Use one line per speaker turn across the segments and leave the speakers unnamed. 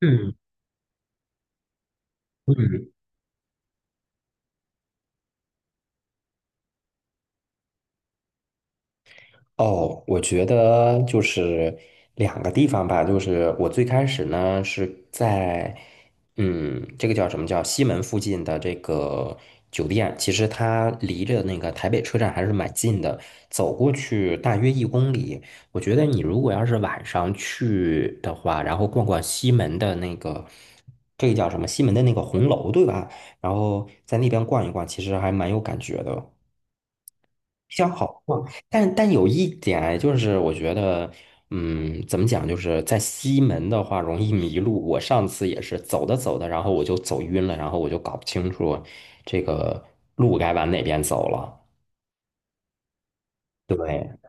嗯，哦，我觉得就是两个地方吧，就是我最开始呢是在，这个叫什么叫西门附近的这个酒店，其实它离着那个台北车站还是蛮近的，走过去大约1公里。我觉得你如果要是晚上去的话，然后逛逛西门的那个，这个叫什么西门的那个红楼，对吧？然后在那边逛一逛，其实还蛮有感觉的。比较好逛。但有一点啊就是我觉得，怎么讲，就是在西门的话容易迷路。我上次也是走着走着，然后我就走晕了，然后我就搞不清楚这个路该往哪边走了。对，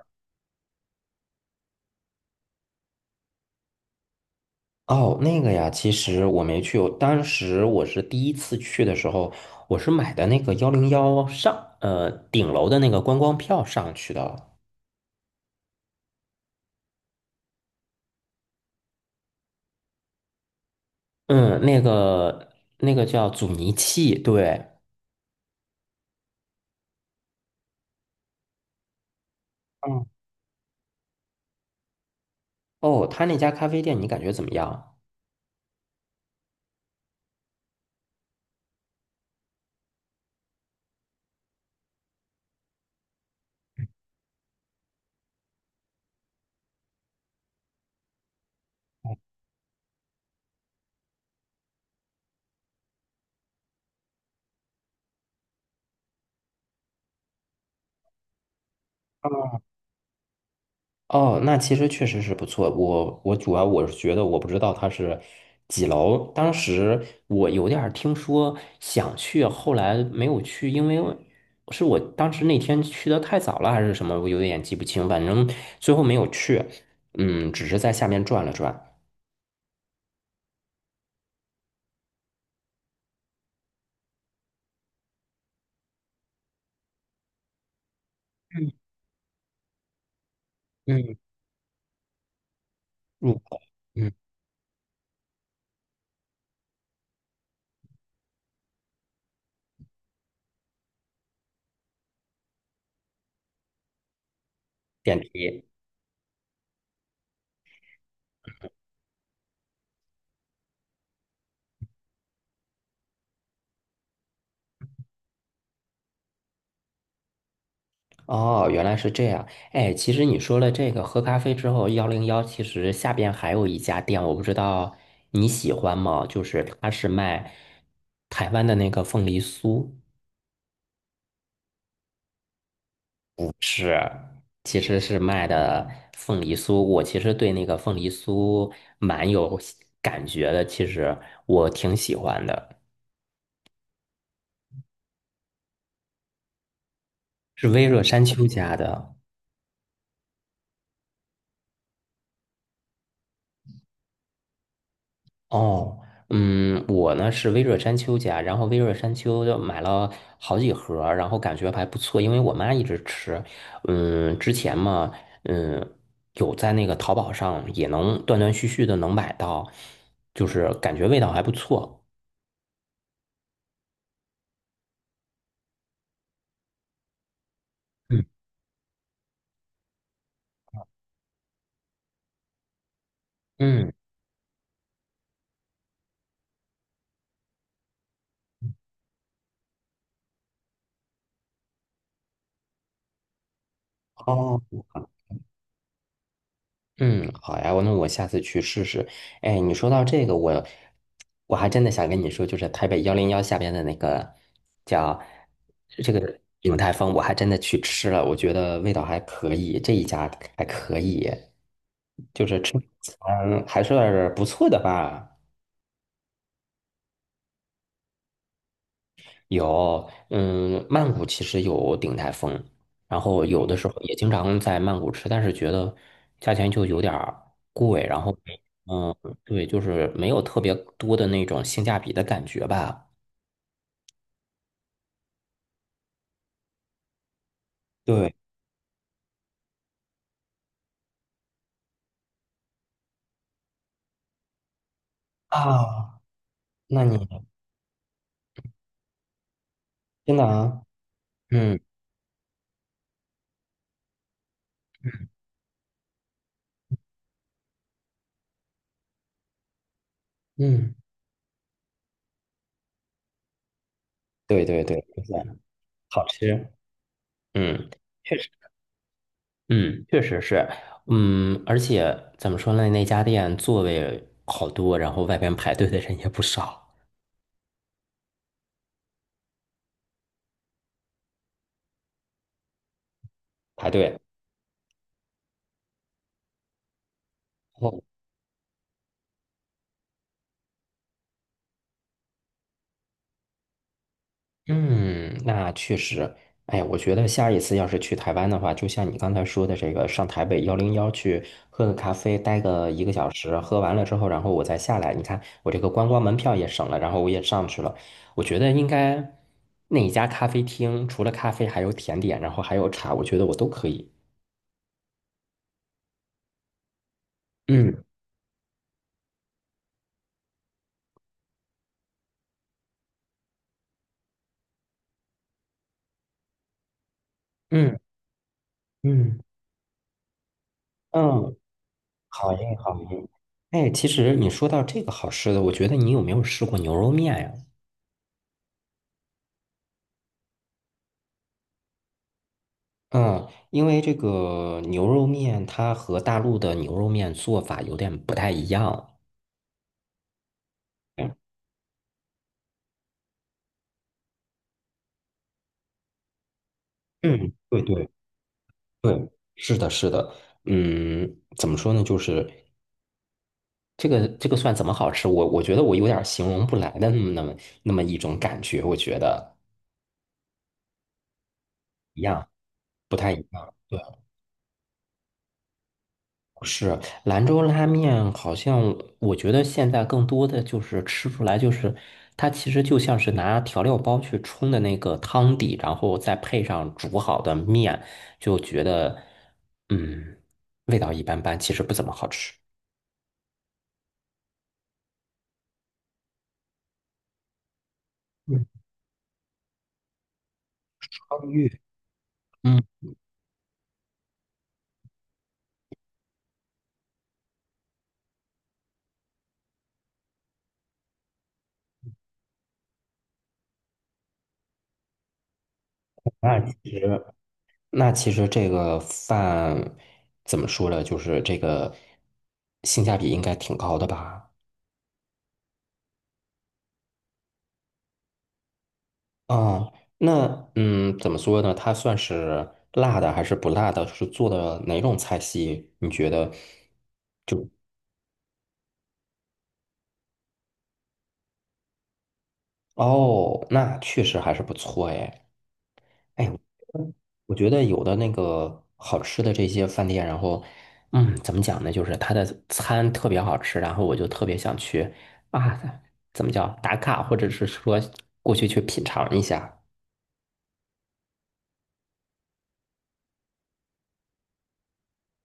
哦，那个呀，其实我没去，我当时我是第一次去的时候，我是买的那个幺零幺上，顶楼的那个观光票上去的。嗯，那个叫阻尼器，对。嗯。哦，他那家咖啡店你感觉怎么样？哦，那其实确实是不错。我主要我是觉得我不知道他是几楼，当时我有点儿听说想去，后来没有去，因为是我当时那天去的太早了还是什么，我有点记不清，反正最后没有去。嗯，只是在下面转了转。嗯嗯，入口，嗯电梯。哦，原来是这样。哎，其实你说了这个喝咖啡之后，幺零幺其实下边还有一家店，我不知道你喜欢吗？就是它是卖台湾的那个凤梨酥，是，其实是卖的凤梨酥。我其实对那个凤梨酥蛮有感觉的，其实我挺喜欢的，是微热山丘家的。哦，嗯，我呢是微热山丘家，然后微热山丘就买了好几盒儿然后感觉还不错，因为我妈一直吃。嗯，之前嘛，嗯，有在那个淘宝上也能断断续续的能买到，就是感觉味道还不错。嗯，嗯，哦，嗯，好呀，那我下次去试试。哎，你说到这个，我还真的想跟你说，就是台北幺零幺下边的那个叫这个鼎泰丰，我还真的去吃了，我觉得味道还可以，这一家还可以，就是吃还是不错的吧。有，嗯，曼谷其实有鼎泰丰，然后有的时候也经常在曼谷吃，但是觉得价钱就有点儿贵，然后，嗯，对，就是没有特别多的那种性价比的感觉吧。对啊，那你真的啊，嗯嗯，对对对，就是好吃，嗯，确实，嗯，确实是，而且怎么说呢，那家店座位好多，然后外边排队的人也不少，排队。嗯，那确实，哎我觉得下一次要是去台湾的话，就像你刚才说的，这个上台北幺零幺去喝个咖啡，待个1个小时，喝完了之后，然后我再下来。你看，我这个观光门票也省了，然后我也上去了。我觉得应该那一家咖啡厅，除了咖啡，还有甜点，然后还有茶，我觉得我都可以。嗯嗯嗯嗯，好耶好耶。哎，其实你说到这个好吃的，我觉得你有没有试过牛肉面呀？嗯，因为这个牛肉面它和大陆的牛肉面做法有点不太一样。嗯，嗯对对对，是的，是的。嗯，怎么说呢？就是这个蒜怎么好吃？我觉得我有点形容不来的那么一种感觉，我觉得不太一样。对。是兰州拉面，好像我觉得现在更多的就是吃出来，就是它其实就像是拿调料包去冲的那个汤底，然后再配上煮好的面，就觉得嗯，味道一般般，其实不怎么好吃。汤浴，嗯，那其实那其实这个饭怎么说呢？就是这个性价比应该挺高的吧？啊，那怎么说呢？它算是辣的还是不辣的？是做的哪种菜系？你觉得？哦，那确实还是不错哎。哎，我觉得有的那个好吃的这些饭店，然后怎么讲呢？就是它的餐特别好吃，然后我就特别想去啊，怎么叫打卡，或者是说过去去品尝一下。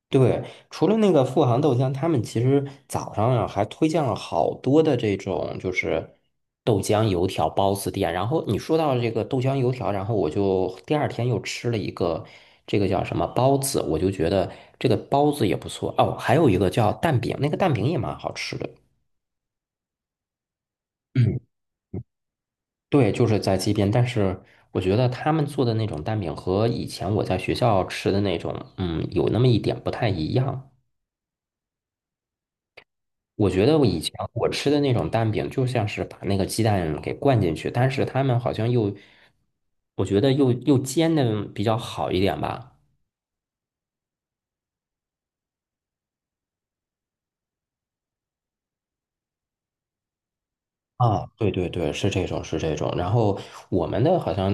对，除了那个富航豆浆，他们其实早上啊还推荐了好多的这种就是豆浆油条包子店。然后你说到这个豆浆油条，然后我就第二天又吃了一个这个叫什么包子，我就觉得这个包子也不错。哦，还有一个叫蛋饼，那个蛋饼也蛮好吃的。嗯，对，就是在街边，但是我觉得他们做的那种蛋饼和以前我在学校吃的那种，有那么一点不太一样。我觉得我以前我吃的那种蛋饼，就像是把那个鸡蛋给灌进去，但是他们好像又，我觉得又煎的比较好一点吧。啊，对对对，是这种是这种。然后我们的好像，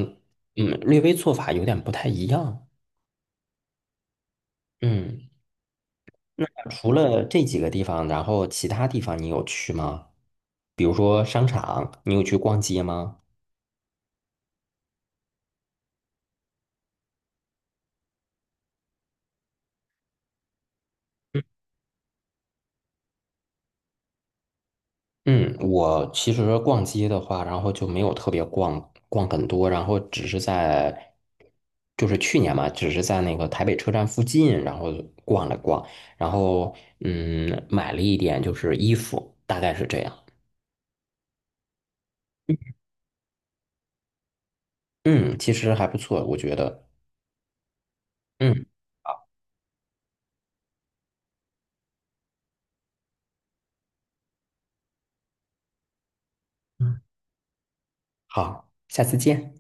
嗯，略微做法有点不太一样。嗯，除了这几个地方，然后其他地方你有去吗？比如说商场，你有去逛街吗？嗯，我其实逛街的话，然后就没有特别逛逛很多，然后只是在，就是去年嘛，只是在那个台北车站附近，然后逛了逛，然后买了一点就是衣服，大概是这样。嗯，其实还不错，我觉得。嗯，嗯，好，下次见。